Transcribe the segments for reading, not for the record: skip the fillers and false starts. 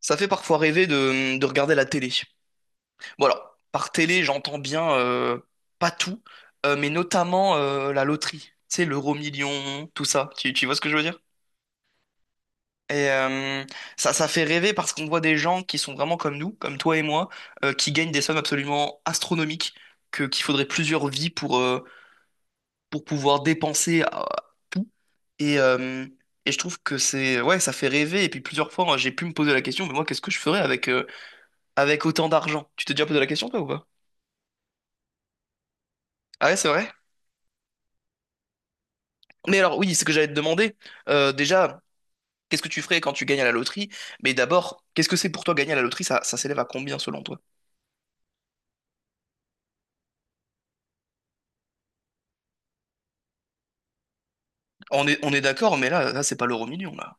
Ça fait parfois rêver de regarder la télé. Bon alors, par télé, j'entends bien pas tout, mais notamment la loterie. Tu sais, l'euro million, tout ça. Tu vois ce que je veux dire? Et euh, ça fait rêver parce qu'on voit des gens qui sont vraiment comme nous, comme toi et moi, qui gagnent des sommes absolument astronomiques, qu'il faudrait plusieurs vies pour pouvoir dépenser à tout. Et, euh, et je trouve que c'est, ouais, ça fait rêver. Et puis plusieurs fois, j'ai pu me poser la question, mais moi, qu'est-ce que je ferais avec autant d'argent? Tu t'es déjà posé la question, toi, ou pas? Ah ouais, c'est vrai? Mais alors, oui, ce que j'allais te demander, déjà, qu'est-ce que tu ferais quand tu gagnes à la loterie? Mais d'abord, qu'est-ce que c'est pour toi gagner à la loterie? Ça s'élève à combien selon toi? On est d'accord, mais là, c'est pas l'euro million, là.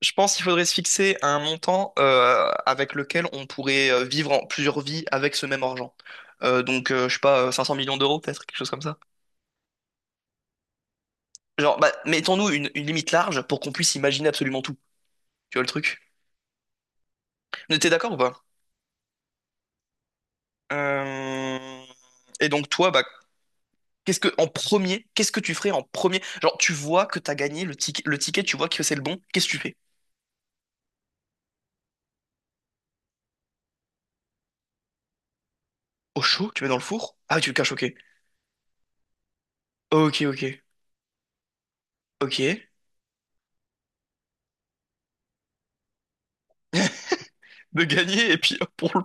Je pense qu'il faudrait se fixer un montant avec lequel on pourrait vivre en plusieurs vies avec ce même argent. Donc je sais pas, 500 millions d'euros, peut-être, quelque chose comme ça. Genre, bah, mettons-nous une limite large pour qu'on puisse imaginer absolument tout. Tu vois le truc? Mais t'es d'accord ou pas? Euh, Et donc toi, bah, qu'est-ce que en premier, qu'est-ce que tu ferais en premier? Genre, tu vois que t'as gagné le ticket, tu vois que c'est le bon. Qu'est-ce que tu fais? Au chaud, tu mets dans le four? Ah, tu le caches, ok. Ok, ok, ok. De gagner et puis hop, pour le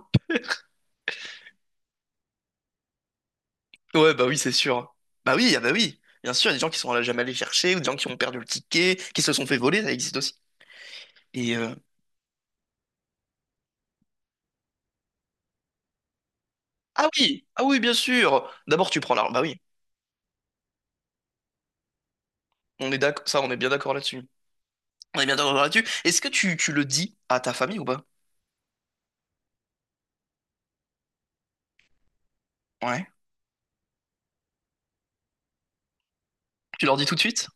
Ouais, bah oui, c'est sûr. Bah oui, ah bah oui. Bien sûr, il y a des gens qui sont jamais allés chercher, ou des gens qui ont perdu le ticket, qui se sont fait voler, ça existe aussi. Et euh, Ah oui, ah oui, bien sûr. D'abord, tu prends l'arme. Bah oui, on est d'accord, ça, on est bien d'accord là-dessus. On est bien d'accord là-dessus. Est-ce que tu le dis à ta famille ou pas? Ouais. Tu leur dis tout de suite?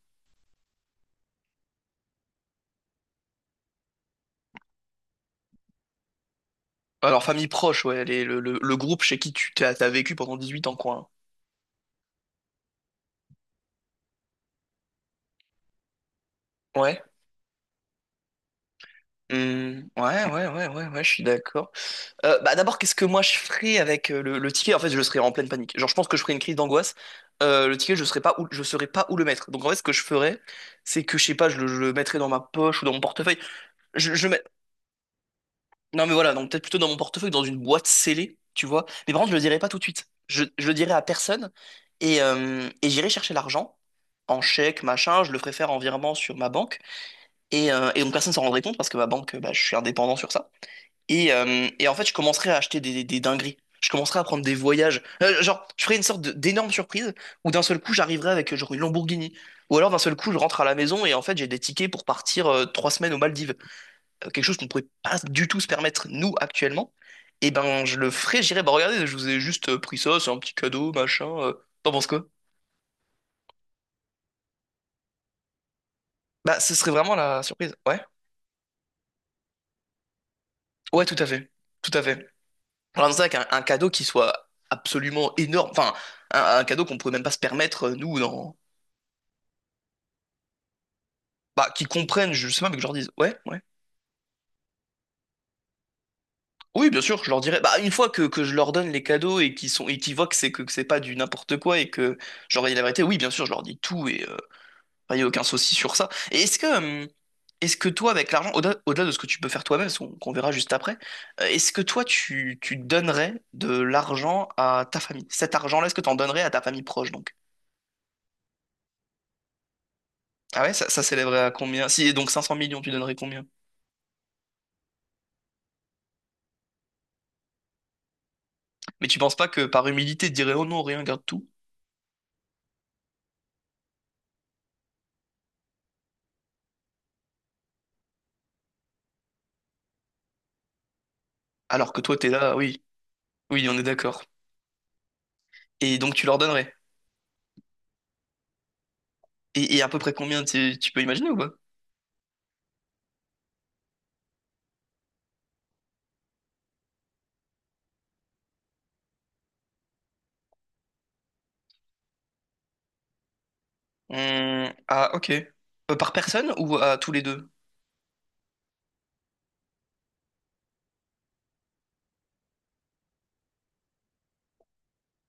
Alors, famille proche, ouais, le groupe chez qui tu t'as, t'as vécu pendant 18 ans, quoi. Hein. Ouais. Hmm, ouais, ouais, ouais, ouais, ouais, je suis d'accord. D'abord, qu'est-ce que moi je ferais avec le ticket? En fait, je serais en pleine panique. Genre, je pense que je ferais une crise d'angoisse. Le ticket, je serais pas où, je saurais pas où le mettre. Donc, en fait, ce que je ferais, c'est que, je sais pas, je le mettrais dans ma poche ou dans mon portefeuille. Je le mets- Non, mais voilà, donc peut-être plutôt dans mon portefeuille, dans une boîte scellée, tu vois. Mais par contre, je le dirai pas tout de suite. Je le dirai à personne et j'irai chercher l'argent en chèque, machin. Je le ferai faire en virement sur ma banque. Et donc personne s'en rendrait compte parce que ma banque, bah, je suis indépendant sur ça. Et en fait, je commencerai à acheter des dingueries. Je commencerai à prendre des voyages. Genre, je ferai une sorte de- d'énorme surprise où d'un seul coup, j'arriverai avec genre une Lamborghini. Ou alors d'un seul coup, je rentre à la maison et en fait, j'ai des tickets pour partir trois semaines aux Maldives quelque chose qu'on ne pourrait pas du tout se permettre, nous, actuellement, et ben je le ferais, j'irais, bah regardez, je vous ai juste pris ça, c'est un petit cadeau, machin. T'en penses quoi? Bah ce serait vraiment la surprise. Ouais. Ouais, tout à fait. Tout à fait. Alors dans ça, avec un cadeau qui soit absolument énorme, enfin, un cadeau qu'on pourrait même pas se permettre, nous, dans. Bah, qu'ils comprennent, je sais pas, mais que je leur dise, ouais, ouais. Oui, bien sûr, je leur dirais. Bah, une fois que je leur donne les cadeaux et qu'ils sont, et qu'ils voient que que c'est pas du n'importe quoi et que je leur dis la vérité, oui, bien sûr, je leur dis tout enfin, il n'y a aucun souci sur ça. Et est-ce que toi, avec l'argent, au-delà de ce que tu peux faire toi-même, ce qu'on verra juste après, est-ce que toi, tu donnerais de l'argent à ta famille? Cet argent-là, est-ce que tu en donnerais à ta famille proche, donc? Ah ouais, ça s'élèverait à combien? Si, donc cinq 500 millions, tu donnerais combien? Mais tu penses pas que par humilité, tu dirais, oh non, rien, garde tout. Alors que toi, t'es là, oui, oui, on est d'accord. Et donc, tu leur donnerais. Et à peu près combien, tu peux imaginer ou pas? Ah, ok. Par personne ou à tous les deux?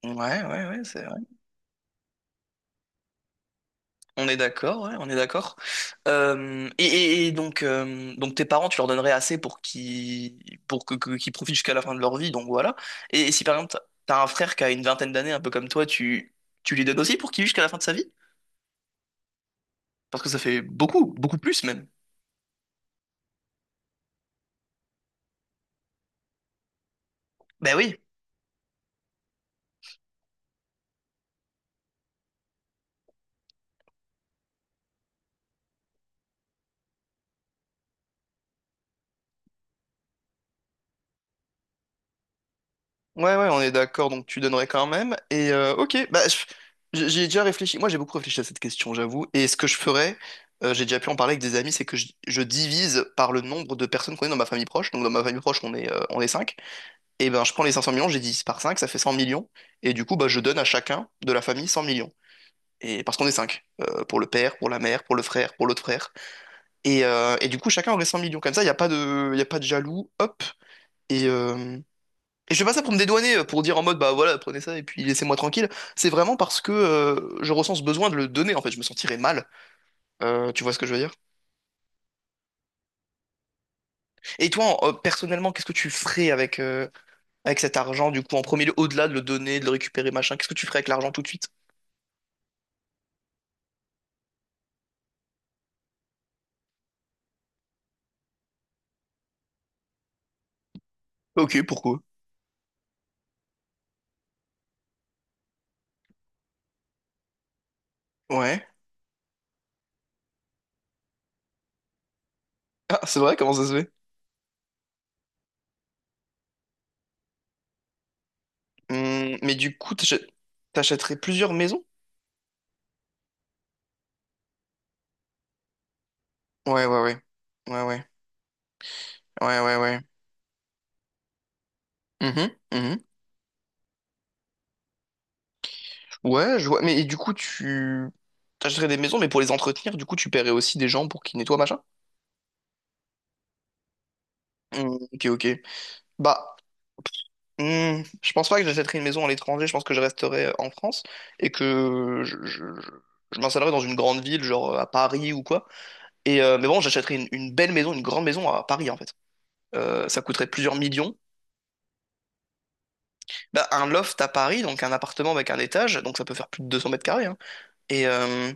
Ouais, ouais, ouais, c'est... On est d'accord, ouais, on est d'accord. Et donc tes parents, tu leur donnerais assez pour qu'ils pour qu'ils profitent jusqu'à la fin de leur vie, donc voilà. Et si par exemple t'as un frère qui a une vingtaine d'années, un peu comme toi, tu lui donnes aussi pour qu'il vive jusqu'à la fin de sa vie? Parce que ça fait beaucoup, beaucoup plus même. Ben oui. Ouais, ouais, on est d'accord, donc tu donnerais quand même. Ok, bah, j'ai déjà réfléchi. Moi, j'ai beaucoup réfléchi à cette question, j'avoue. Et ce que je ferais, j'ai déjà pu en parler avec des amis, c'est que je divise par le nombre de personnes qu'on est dans ma famille proche. Donc, dans ma famille proche, on est cinq. Et ben, je prends les 500 millions, j'ai divise par 5 ça fait 100 millions. Et du coup, bah, je donne à chacun de la famille 100 millions. Et parce qu'on est 5. Pour le père, pour la mère, pour le frère, pour l'autre frère. Et du coup, chacun aurait 100 millions. Comme ça, il a pas de jaloux. Hop. et euh, et je fais pas ça pour me dédouaner, pour dire en mode bah voilà, prenez ça et puis laissez-moi tranquille. C'est vraiment parce que je ressens ce besoin de le donner, en fait, je me sentirais mal. Tu vois ce que je veux dire? Et toi, personnellement, qu'est-ce que tu ferais avec cet argent, du coup, en premier lieu, au-delà de le donner, de le récupérer, machin, qu'est-ce que tu ferais avec l'argent tout de suite? Ok, pourquoi? Ouais. Ah, c'est vrai, comment ça se fait? Mais du coup, t'achèterais plusieurs maisons? Ouais, ouais, ouais. Ouais, ouais. Ouais, ouais, ouais. Mhm, mhm. Ouais, je vois. Mais et du coup, tu t'achèterais des maisons, mais pour les entretenir, du coup, tu paierais aussi des gens pour qu'ils nettoient, machin? Hmm, ok, ok. Bah, je pense pas que j'achèterais une maison à l'étranger. Je pense que je resterais en France et que je m'installerais dans une grande ville, genre à Paris ou quoi. Et mais bon, j'achèterais une belle maison, une grande maison à Paris, en fait. Ça coûterait plusieurs millions. Bah, un loft à Paris, donc un appartement avec un étage, donc ça peut faire plus de 200 mètres carrés. Hein. Et,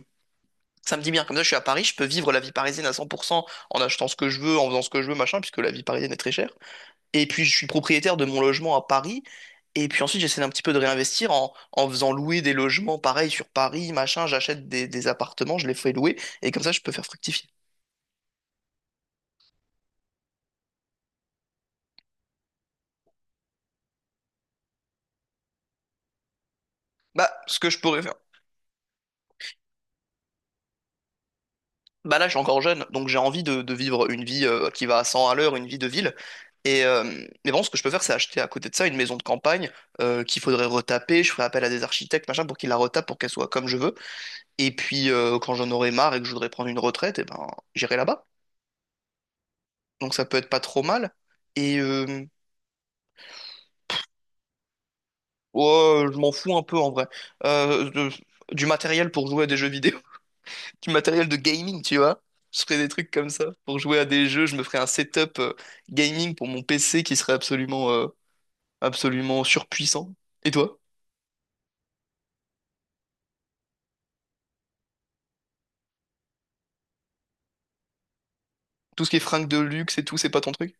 ça me dit bien, comme ça je suis à Paris, je peux vivre la vie parisienne à 100% en achetant ce que je veux, en faisant ce que je veux, machin, puisque la vie parisienne est très chère. Et puis je suis propriétaire de mon logement à Paris, et puis ensuite j'essaie un petit peu de réinvestir en faisant louer des logements pareil sur Paris, machin, j'achète des appartements, je les fais louer, et comme ça je peux faire fructifier. Bah, ce que je pourrais faire. Bah là je suis encore jeune, donc j'ai envie de vivre une vie qui va à 100 à l'heure, une vie de ville. Et mais bon, ce que je peux faire, c'est acheter à côté de ça une maison de campagne qu'il faudrait retaper. Je ferai appel à des architectes, machin, pour qu'ils la retapent, pour qu'elle soit comme je veux. Et puis, quand j'en aurai marre et que je voudrais prendre une retraite, eh ben, j'irai là-bas. Donc, ça peut être pas trop mal. Et ouais, je m'en fous un peu en vrai. Euh, de- du matériel pour jouer à des jeux vidéo, du matériel de gaming, tu vois. Je ferais des trucs comme ça. Pour jouer à des jeux, je me ferais un setup gaming pour mon PC qui serait absolument, absolument surpuissant. Et toi? Tout ce qui est fringues de luxe et tout, c'est pas ton truc?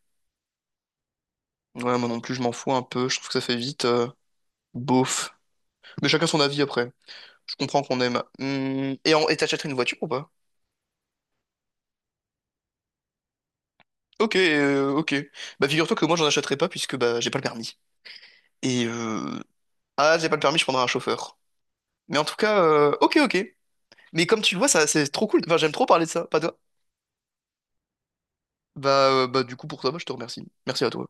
Ouais, moi non plus, je m'en fous un peu. Je trouve que ça fait vite beauf. Mais chacun son avis après. Je comprends qu'on aime. Et t'achèterais une voiture ou pas? Ok, ok. Bah figure-toi que moi j'en achèterais pas puisque bah j'ai pas le permis. Et Ah, j'ai pas le permis, je prendrai un chauffeur. Mais en tout cas, ok, ok. Mais comme tu le vois, ça c'est trop cool. Enfin, j'aime trop parler de ça, pas toi. Du coup pour ça, bah, je te remercie. Merci à toi.